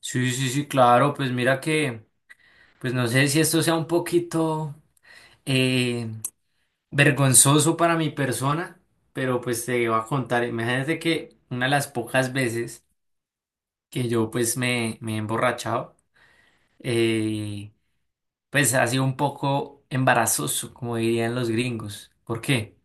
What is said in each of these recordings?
Sí, sí, sí, claro, pues mira que, pues no sé si esto sea un poquito eh, vergonzoso para mi persona, pero pues te iba a contar, imagínate que una de las pocas veces que yo pues me he emborrachado, eh, pues ha sido un poco embarazoso, como dirían los gringos. ¿Por qué?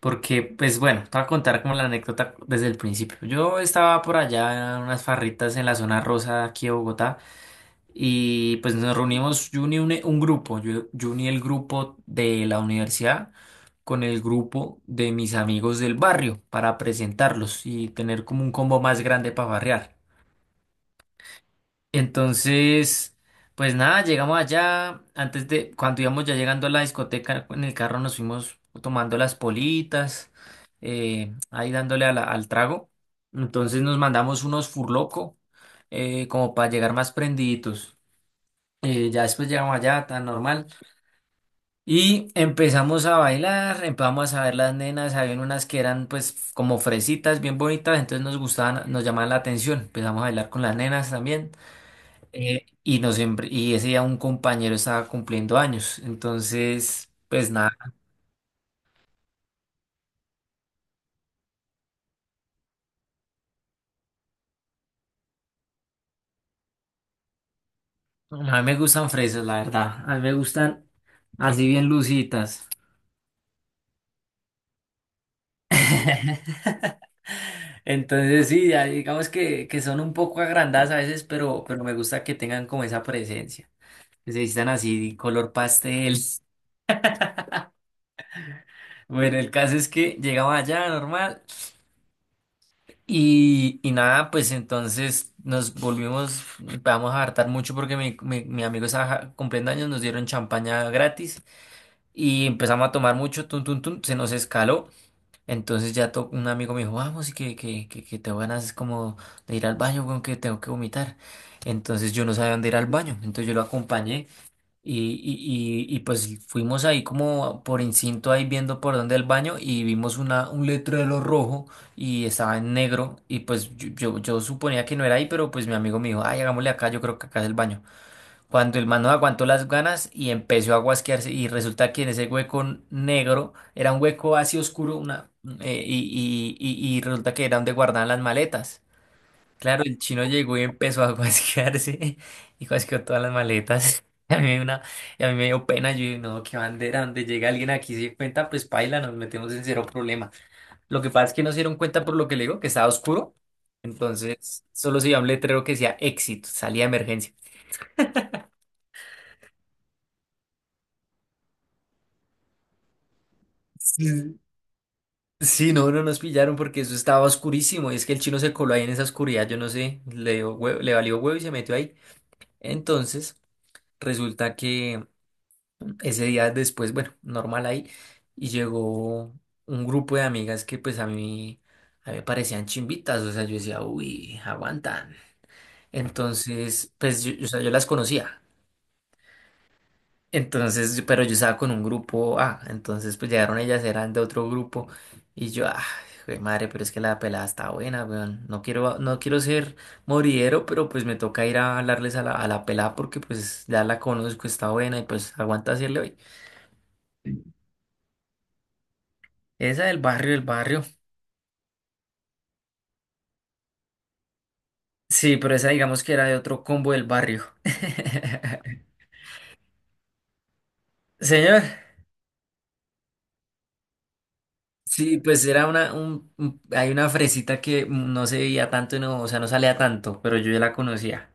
Porque, pues bueno, te voy a contar como la anécdota desde el principio. Yo estaba por allá en unas farritas en la zona rosa aquí de Bogotá. Y pues nos reunimos, yo uní un grupo, yo uní el grupo de la universidad con el grupo de mis amigos del barrio para presentarlos y tener como un combo más grande para barrear. Entonces, pues nada, llegamos allá, cuando íbamos ya llegando a la discoteca, en el carro nos fuimos tomando las politas, ahí dándole a al trago. Entonces nos mandamos unos furloco, como para llegar más prendiditos. Ya después llegamos allá, tan normal. Y empezamos a bailar, empezamos a ver las nenas. Habían unas que eran pues como fresitas, bien bonitas, entonces nos gustaban, nos llamaban la atención. Empezamos a bailar con las nenas también. Y ese día un compañero estaba cumpliendo años. Entonces, pues nada, a mí me gustan fresas, la verdad. A mí me gustan así bien lucitas. Entonces sí, ya digamos que, son un poco agrandadas a veces, pero me gusta que tengan como esa presencia. Que se vistan así color pastel. Bueno, el caso es que llegaba allá normal y nada, pues entonces nos volvimos, empezamos a hartar mucho porque mi amigo estaba ja, cumpliendo años, nos dieron champaña gratis y empezamos a tomar mucho, tun, tun, tun, se nos escaló. Entonces un amigo me dijo, vamos, y que tengo ganas como de ir al baño, con que tengo que vomitar. Entonces yo no sabía dónde ir al baño, entonces yo lo acompañé. Y pues fuimos ahí como por instinto ahí viendo por dónde el baño y vimos un letrero rojo y estaba en negro y pues yo suponía que no era ahí, pero pues mi amigo me dijo, ay, hagámosle acá, yo creo que acá es el baño. Cuando el man no aguantó las ganas y empezó a guasquearse y resulta que en ese hueco negro era un hueco así oscuro una, eh, y, y, y resulta que era donde guardaban las maletas. Claro, el chino llegó y empezó a guasquearse y guasqueó todas las maletas. Y a mí, me dio una, y a mí me dio pena, yo dije, no, qué bandera, donde llega alguien aquí y se dio cuenta, pues paila, nos metemos en cero problema. Lo que pasa es que no se dieron cuenta por lo que le digo, que estaba oscuro, entonces solo se veía un letrero que decía éxito, salida de emergencia. Sí. Sí, no, no nos pillaron porque eso estaba oscurísimo y es que el chino se coló ahí en esa oscuridad, yo no sé, le valió huevo y se metió ahí. Entonces, resulta que... Ese día después, bueno, normal ahí, y llegó un grupo de amigas que pues a mí, me parecían chimbitas, o sea, yo decía, uy, aguantan. Entonces, pues yo, o sea, yo las conocía. Entonces, pero yo estaba con un grupo A, entonces pues llegaron ellas, eran de otro grupo, y yo, ah, jue madre, pero es que la pelada está buena, weón. No quiero, no quiero ser moridero, pero pues me toca ir a hablarles a la pelada porque pues ya la conozco, está buena y pues aguanta hacerle hoy. Esa del barrio, el barrio. Sí, pero esa digamos que era de otro combo del barrio. Señor. Sí, pues era una, un- hay una fresita que no se veía tanto, y no, o sea, no salía tanto, pero yo ya la conocía.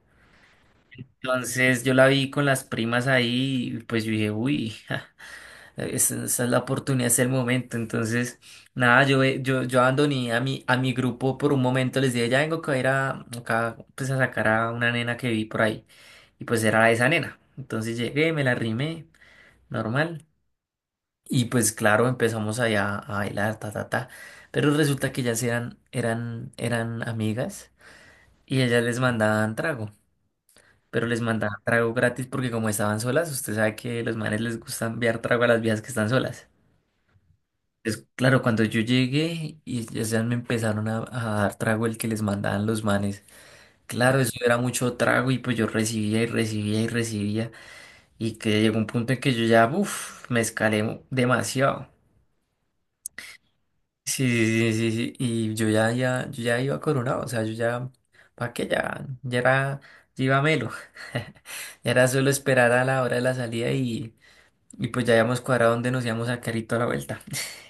Entonces yo la vi con las primas ahí y pues yo dije, uy, ja, esa es la oportunidad, es el momento. Entonces, nada, yo abandoné a mi grupo por un momento, les dije, ya vengo que voy a ir acá, pues a sacar a una nena que vi por ahí. Y pues era esa nena. Entonces llegué, me la rimé, normal. Y pues claro, empezamos allá a bailar, ta, ta, ta. Pero resulta que ellas eran amigas y ellas les mandaban trago. Pero les mandaban trago gratis porque como estaban solas, usted sabe que los manes les gusta enviar trago a las viejas que están solas. Entonces, claro, cuando yo llegué y ellas ya me empezaron a dar trago el que les mandaban los manes. Claro, eso era mucho trago y pues yo recibía y recibía y recibía. Y que llegó un punto en que yo ya, uff, me escalé demasiado. Sí, sí, sí, sí, y yo ya, ya, yo ya iba coronado, o sea, yo ya, ¿para qué? Ya era, ya iba melo, ya era solo esperar a la hora de la salida y, pues ya habíamos cuadrado dónde nos íbamos a carito a la vuelta.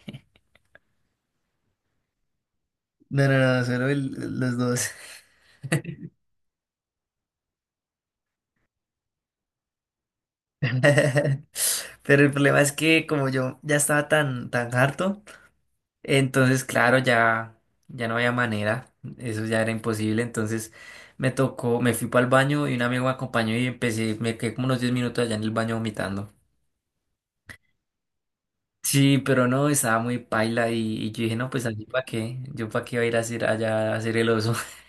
No, no, no, solo los dos. Pero el problema es que como yo ya estaba tan, tan harto, entonces, claro, ya no había manera, eso ya era imposible. Entonces me tocó, me fui para el baño y un amigo me acompañó y me quedé como unos 10 minutos allá en el baño vomitando. Sí, pero no, estaba muy paila y yo dije, no, pues allí para qué, yo para qué iba a ir a hacer allá a hacer el oso.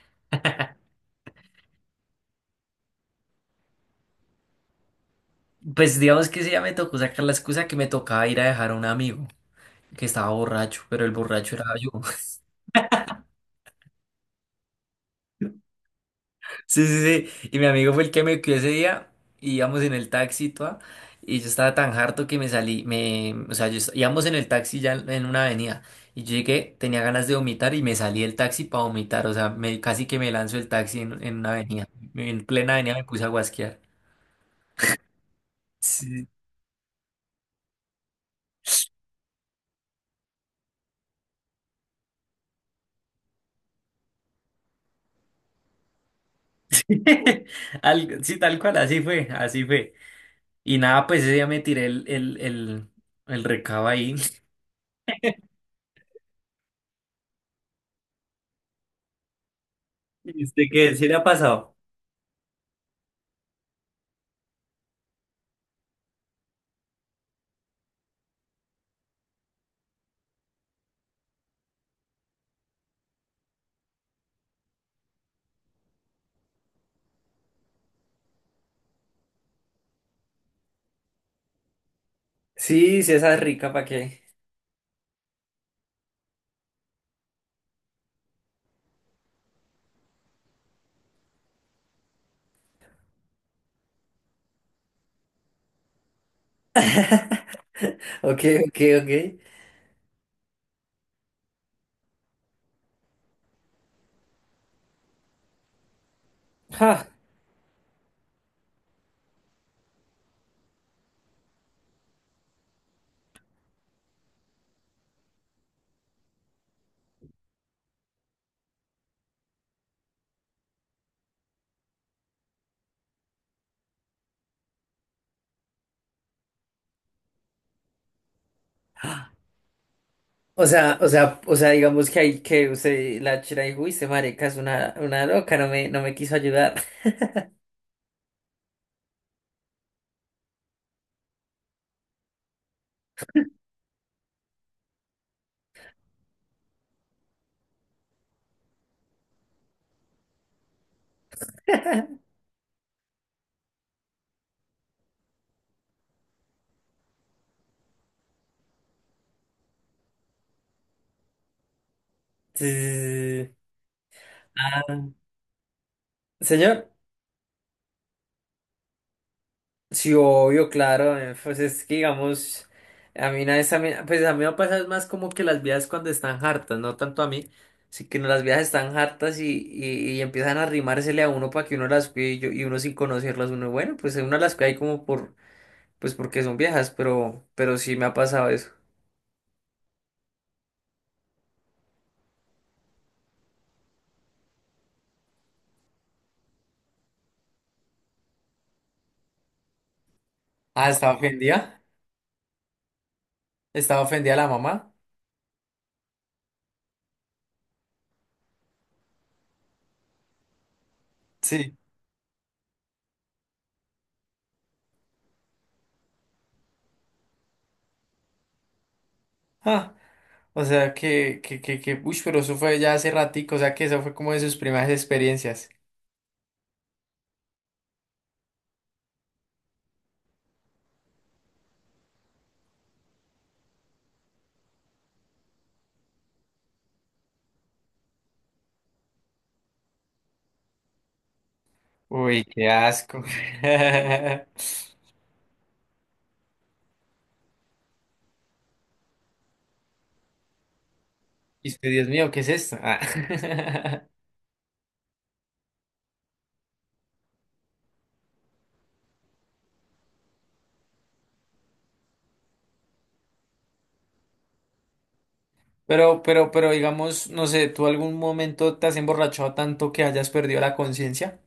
Pues digamos que sí, ya me tocó sacar la excusa que me tocaba ir a dejar a un amigo que estaba borracho, pero el borracho era yo. Sí, sí, sí. Y mi amigo fue el que me cuidó ese día. Y íbamos en el taxi, toda, y yo estaba tan harto que me salí. O sea, íbamos en el taxi ya en una avenida. Y yo llegué, tenía ganas de vomitar y me salí del taxi para vomitar. O sea, casi que me lanzo el taxi en una avenida. En plena avenida me puse a guasquear. Sí, sí, tal cual, así fue, así fue. Y nada, pues ese día me tiré el recabo ahí. ¿Y usted qué? ¿Sí le ha pasado? Sí, sí, esa es rica, ¿para qué? Ok, ok, ok. Ja. O sea, digamos que hay que usted la chira y uy, se marica es una, loca, no me quiso ayudar. Sí, sí, sí. Sí. Señor, sí, obvio, claro, pues es que digamos, a mí una vez también, pues a mí me pasa es más como que las viejas cuando están hartas, no tanto a mí, sí que no, las viejas están hartas y, y empiezan a arrimársele a uno para que uno las cuide y, y uno sin conocerlas, uno, bueno, pues uno las cuida ahí como por, pues porque son viejas, pero, sí me ha pasado eso. Ah, ¿estaba ofendida? ¿Estaba ofendida la mamá? Sí. Ah, o sea que, uy, pero eso fue ya hace ratico, o sea que eso fue como de sus primeras experiencias. Uy, qué asco. Y usted, Dios mío, ¿qué es esto? Ah. Pero digamos, no sé, ¿tú algún momento te has emborrachado tanto que hayas perdido la conciencia?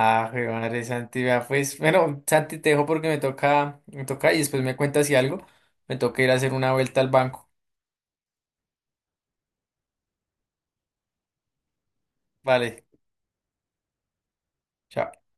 Ah, jue madre Santi, vea, pues, bueno, Santi, te dejo porque me toca y después me cuentas si algo, me toca ir a hacer una vuelta al banco. Vale, chao.